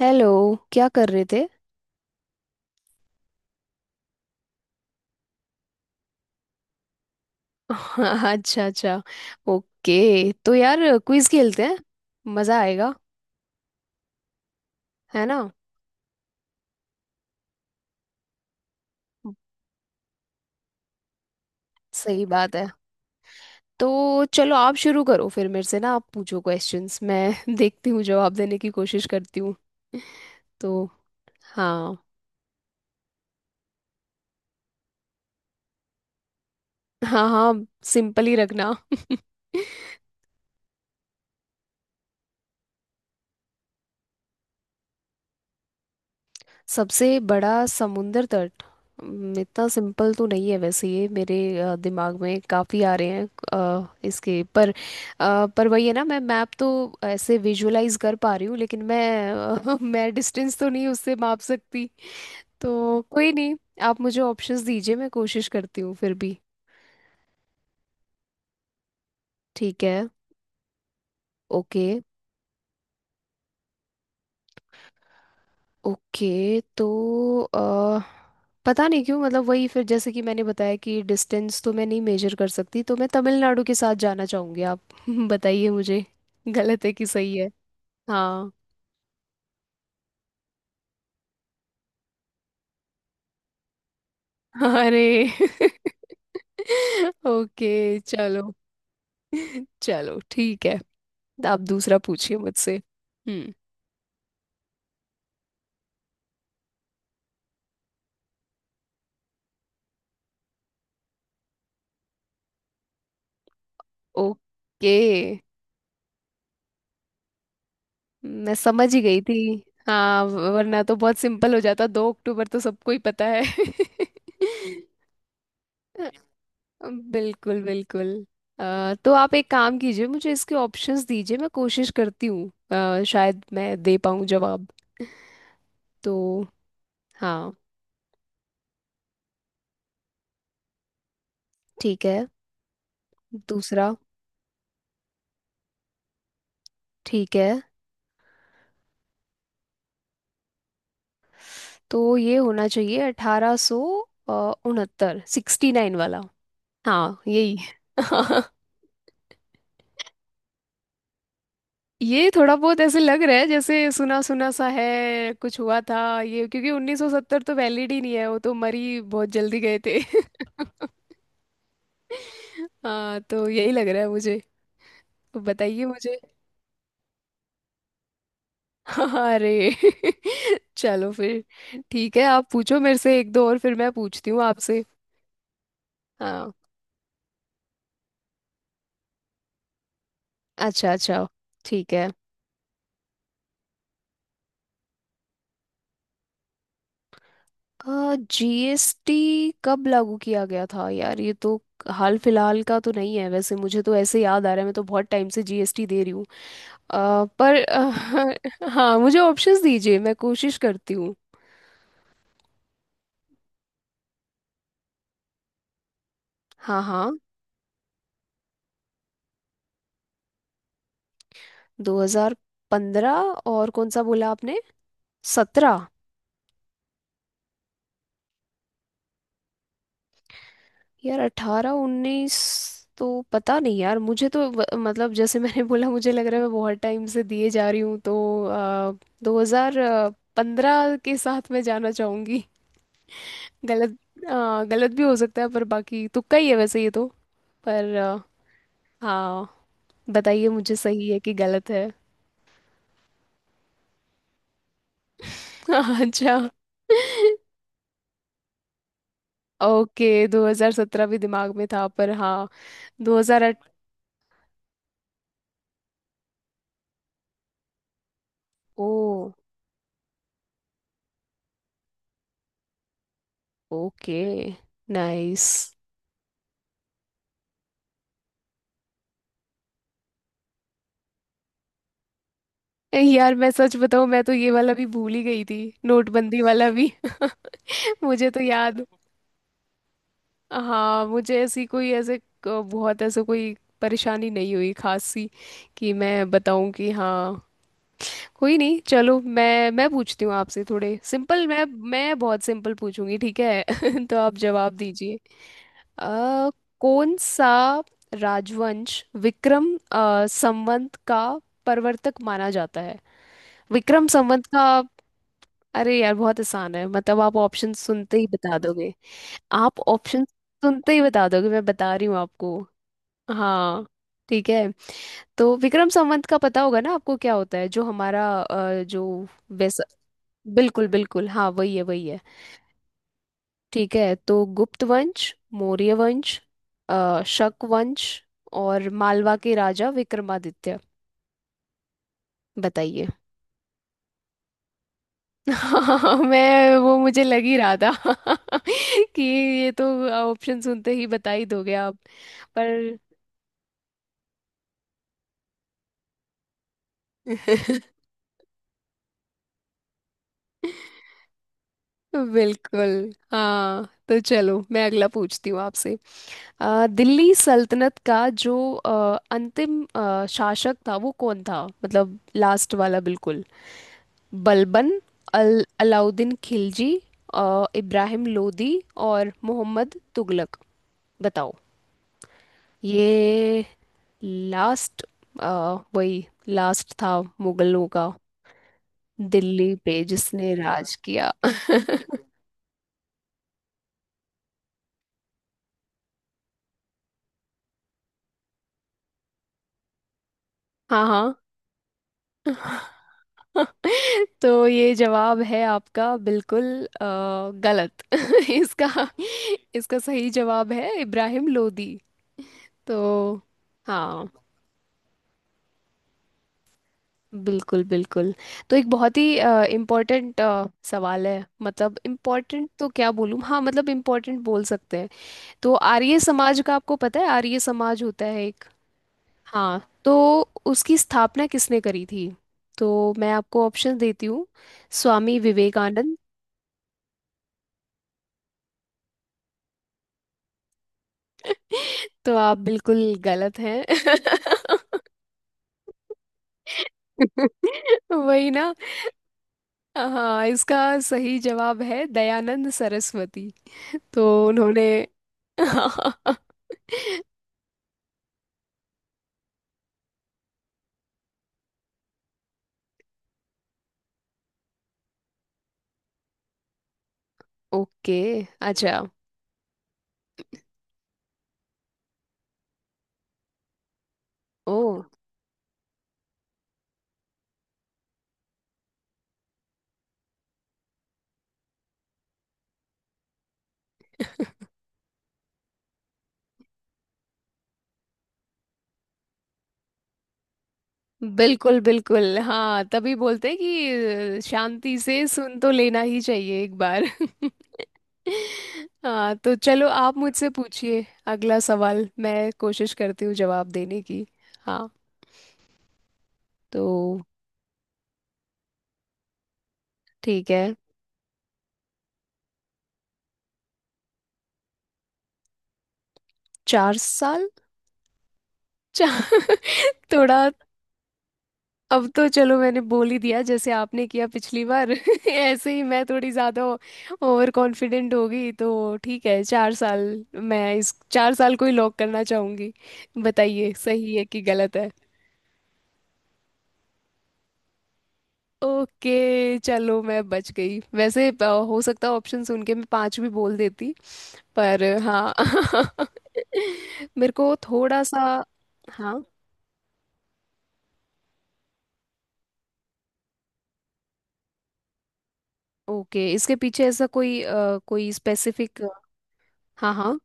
Hello. क्या कर रहे थे? अच्छा, अच्छा। ओके, तो यार क्विज खेलते हैं, मज़ा आएगा। है ना? सही बात है। तो चलो, आप शुरू करो फिर, मेरे से ना आप पूछो क्वेश्चंस। मैं देखती हूँ, जवाब देने की कोशिश करती हूँ। तो हाँ। हाँ, हाँ। सिंपल ही रखना। सबसे बड़ा समुंदर तट। इतना सिंपल तो नहीं है वैसे। ये मेरे दिमाग में काफ़ी आ रहे हैं। इसके पर पर वही है ना, मैं मैप तो ऐसे विजुअलाइज कर पा रही हूँ, लेकिन मैं अ, मैं डिस्टेंस तो नहीं उससे माप सकती। तो कोई नहीं, आप मुझे ऑप्शंस दीजिए, मैं कोशिश करती हूँ फिर भी। ठीक है। ओके, ओके, तो अ, पता नहीं क्यों, मतलब वही फिर, जैसे कि मैंने बताया कि डिस्टेंस तो मैं नहीं मेजर कर सकती, तो मैं तमिलनाडु के साथ जाना चाहूंगी। आप बताइए मुझे गलत है कि सही है। हाँ। अरे! ओके, चलो। चलो ठीक है। आप दूसरा पूछिए मुझसे। हम्म। ओके। मैं समझ ही गई थी। हाँ, वरना तो बहुत सिंपल हो जाता, 2 अक्टूबर तो सबको ही पता है। बिल्कुल, बिल्कुल। तो आप एक काम कीजिए, मुझे इसके ऑप्शंस दीजिए, मैं कोशिश करती हूँ। शायद मैं दे पाऊँ जवाब। तो हाँ। ठीक है। दूसरा। ठीक है, तो ये होना चाहिए 1869, 69 वाला। हाँ, यही। ये थोड़ा बहुत ऐसे लग रहा है, जैसे सुना सुना सा है कुछ हुआ था ये, क्योंकि 1970 तो वैलिड ही नहीं है, वो तो मरी बहुत जल्दी गए थे। हाँ, तो यही लग रहा है मुझे। तो बताइए मुझे। अरे! चलो फिर ठीक है। आप पूछो मेरे से एक दो और, फिर मैं पूछती हूँ आपसे। हाँ। अच्छा, अच्छा। ठीक है। जीएसटी कब लागू किया गया था? यार, ये तो हाल फिलहाल का तो नहीं है वैसे। मुझे तो ऐसे याद आ रहा है, मैं तो बहुत टाइम से जीएसटी दे रही हूँ। पर हाँ, मुझे ऑप्शंस दीजिए, मैं कोशिश करती हूँ। हाँ, हाँ। 2015। और कौन सा बोला आपने? 17? यार, अठारह उन्नीस तो पता नहीं। यार, मुझे तो मतलब जैसे मैंने बोला, मुझे लग रहा है मैं बहुत टाइम से दिए जा रही हूँ, तो 2015 के साथ मैं जाना चाहूंगी। गलत। गलत भी हो सकता है, पर बाकी तुक्का ही है वैसे ये तो। पर हाँ, बताइए मुझे सही है कि गलत है। अच्छा। ओके, 2017 भी दिमाग में था, पर हाँ। 2008। ओ। ओके। नाइस। यार मैं सच बताऊं, मैं तो ये वाला भी भूल ही गई थी। नोटबंदी वाला भी। मुझे तो याद। हाँ, मुझे ऐसी कोई ऐसे बहुत ऐसे कोई परेशानी नहीं हुई खास सी, कि मैं बताऊं कि हाँ। कोई नहीं, चलो मैं पूछती हूँ आपसे थोड़े सिंपल। मैं बहुत सिंपल पूछूंगी, ठीक है। तो आप जवाब दीजिए। अ, कौन सा राजवंश विक्रम संवत का प्रवर्तक माना जाता है? विक्रम संवत का। अरे यार, बहुत आसान है, मतलब आप ऑप्शन सुनते ही बता दोगे। आप ऑप्शन सुनते ही बता दोगे, मैं बता रही हूँ आपको। हाँ। ठीक है, तो विक्रम संवत का पता होगा ना आपको क्या होता है, जो हमारा जो वैसा। बिल्कुल, बिल्कुल, हाँ, वही है, वही है। ठीक है, तो गुप्त वंश, मौर्य वंश, शक वंश, और मालवा के राजा विक्रमादित्य। बताइए। हाँ, मैं वो मुझे लग ही रहा था। कि ये तो ऑप्शन सुनते ही बता ही दोगे आप। पर बिल्कुल। हाँ, तो चलो मैं अगला पूछती हूँ आपसे। दिल्ली सल्तनत का जो अंतिम शासक था वो कौन था, मतलब लास्ट वाला, बिल्कुल। बलबन, अल अलाउद्दीन खिलजी, इब्राहिम लोदी, और मोहम्मद तुगलक। बताओ। ये लास्ट, वही लास्ट था मुगलों का, दिल्ली पे जिसने राज किया। हाँ, हाँ। तो ये जवाब है आपका बिल्कुल गलत। इसका, इसका सही जवाब है इब्राहिम लोदी। तो हाँ, बिल्कुल, बिल्कुल। तो एक बहुत ही इम्पोर्टेंट सवाल है, मतलब इम्पोर्टेंट तो क्या बोलूँ, हाँ, मतलब इम्पोर्टेंट बोल सकते हैं। तो आर्य समाज का आपको पता है, आर्य समाज होता है एक। हाँ। तो उसकी स्थापना किसने करी थी? तो मैं आपको ऑप्शन देती हूँ। स्वामी विवेकानंद। तो आप बिल्कुल गलत हैं। वही ना। हाँ, इसका सही जवाब है दयानंद सरस्वती। तो उन्होंने। ओके, अच्छा। ओ, बिल्कुल, बिल्कुल, हाँ, तभी बोलते हैं कि शांति से सुन तो लेना ही चाहिए एक बार। हाँ, तो चलो आप मुझसे पूछिए। अगला सवाल मैं कोशिश करती हूँ जवाब देने की। हाँ। तो ठीक है, 4 साल। चार। थोड़ा, अब तो चलो मैंने बोल ही दिया, जैसे आपने किया पिछली बार ऐसे ही मैं थोड़ी ज़्यादा ओवर कॉन्फिडेंट हो गई, तो ठीक है चार साल। मैं इस 4 साल को ही लॉक करना चाहूँगी। बताइए सही है कि गलत है। ओके, चलो मैं बच गई। वैसे हो सकता है ऑप्शन सुन के मैं पाँच भी बोल देती, पर हाँ। मेरे को थोड़ा सा, हाँ। ओके, इसके पीछे ऐसा कोई कोई स्पेसिफिक? हाँ, हाँ।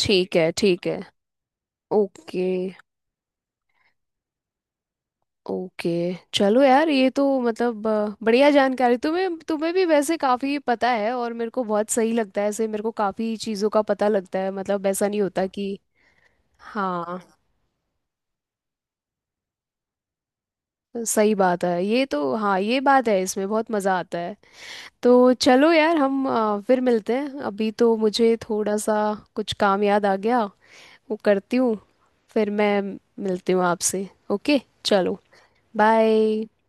ठीक है, ठीक है। Okay, okay. चलो यार, ये तो मतलब बढ़िया जानकारी, तुम्हें तुम्हें भी वैसे काफ़ी पता है, और मेरे को बहुत सही लगता है ऐसे, मेरे को काफ़ी चीज़ों का पता लगता है, मतलब ऐसा नहीं होता कि हाँ। सही बात है ये तो, हाँ ये बात है, इसमें बहुत मज़ा आता है। तो चलो यार हम फिर मिलते हैं, अभी तो मुझे थोड़ा सा कुछ काम याद आ गया, वो करती हूँ। फिर मैं मिलती हूँ आपसे। ओके, चलो, बाय।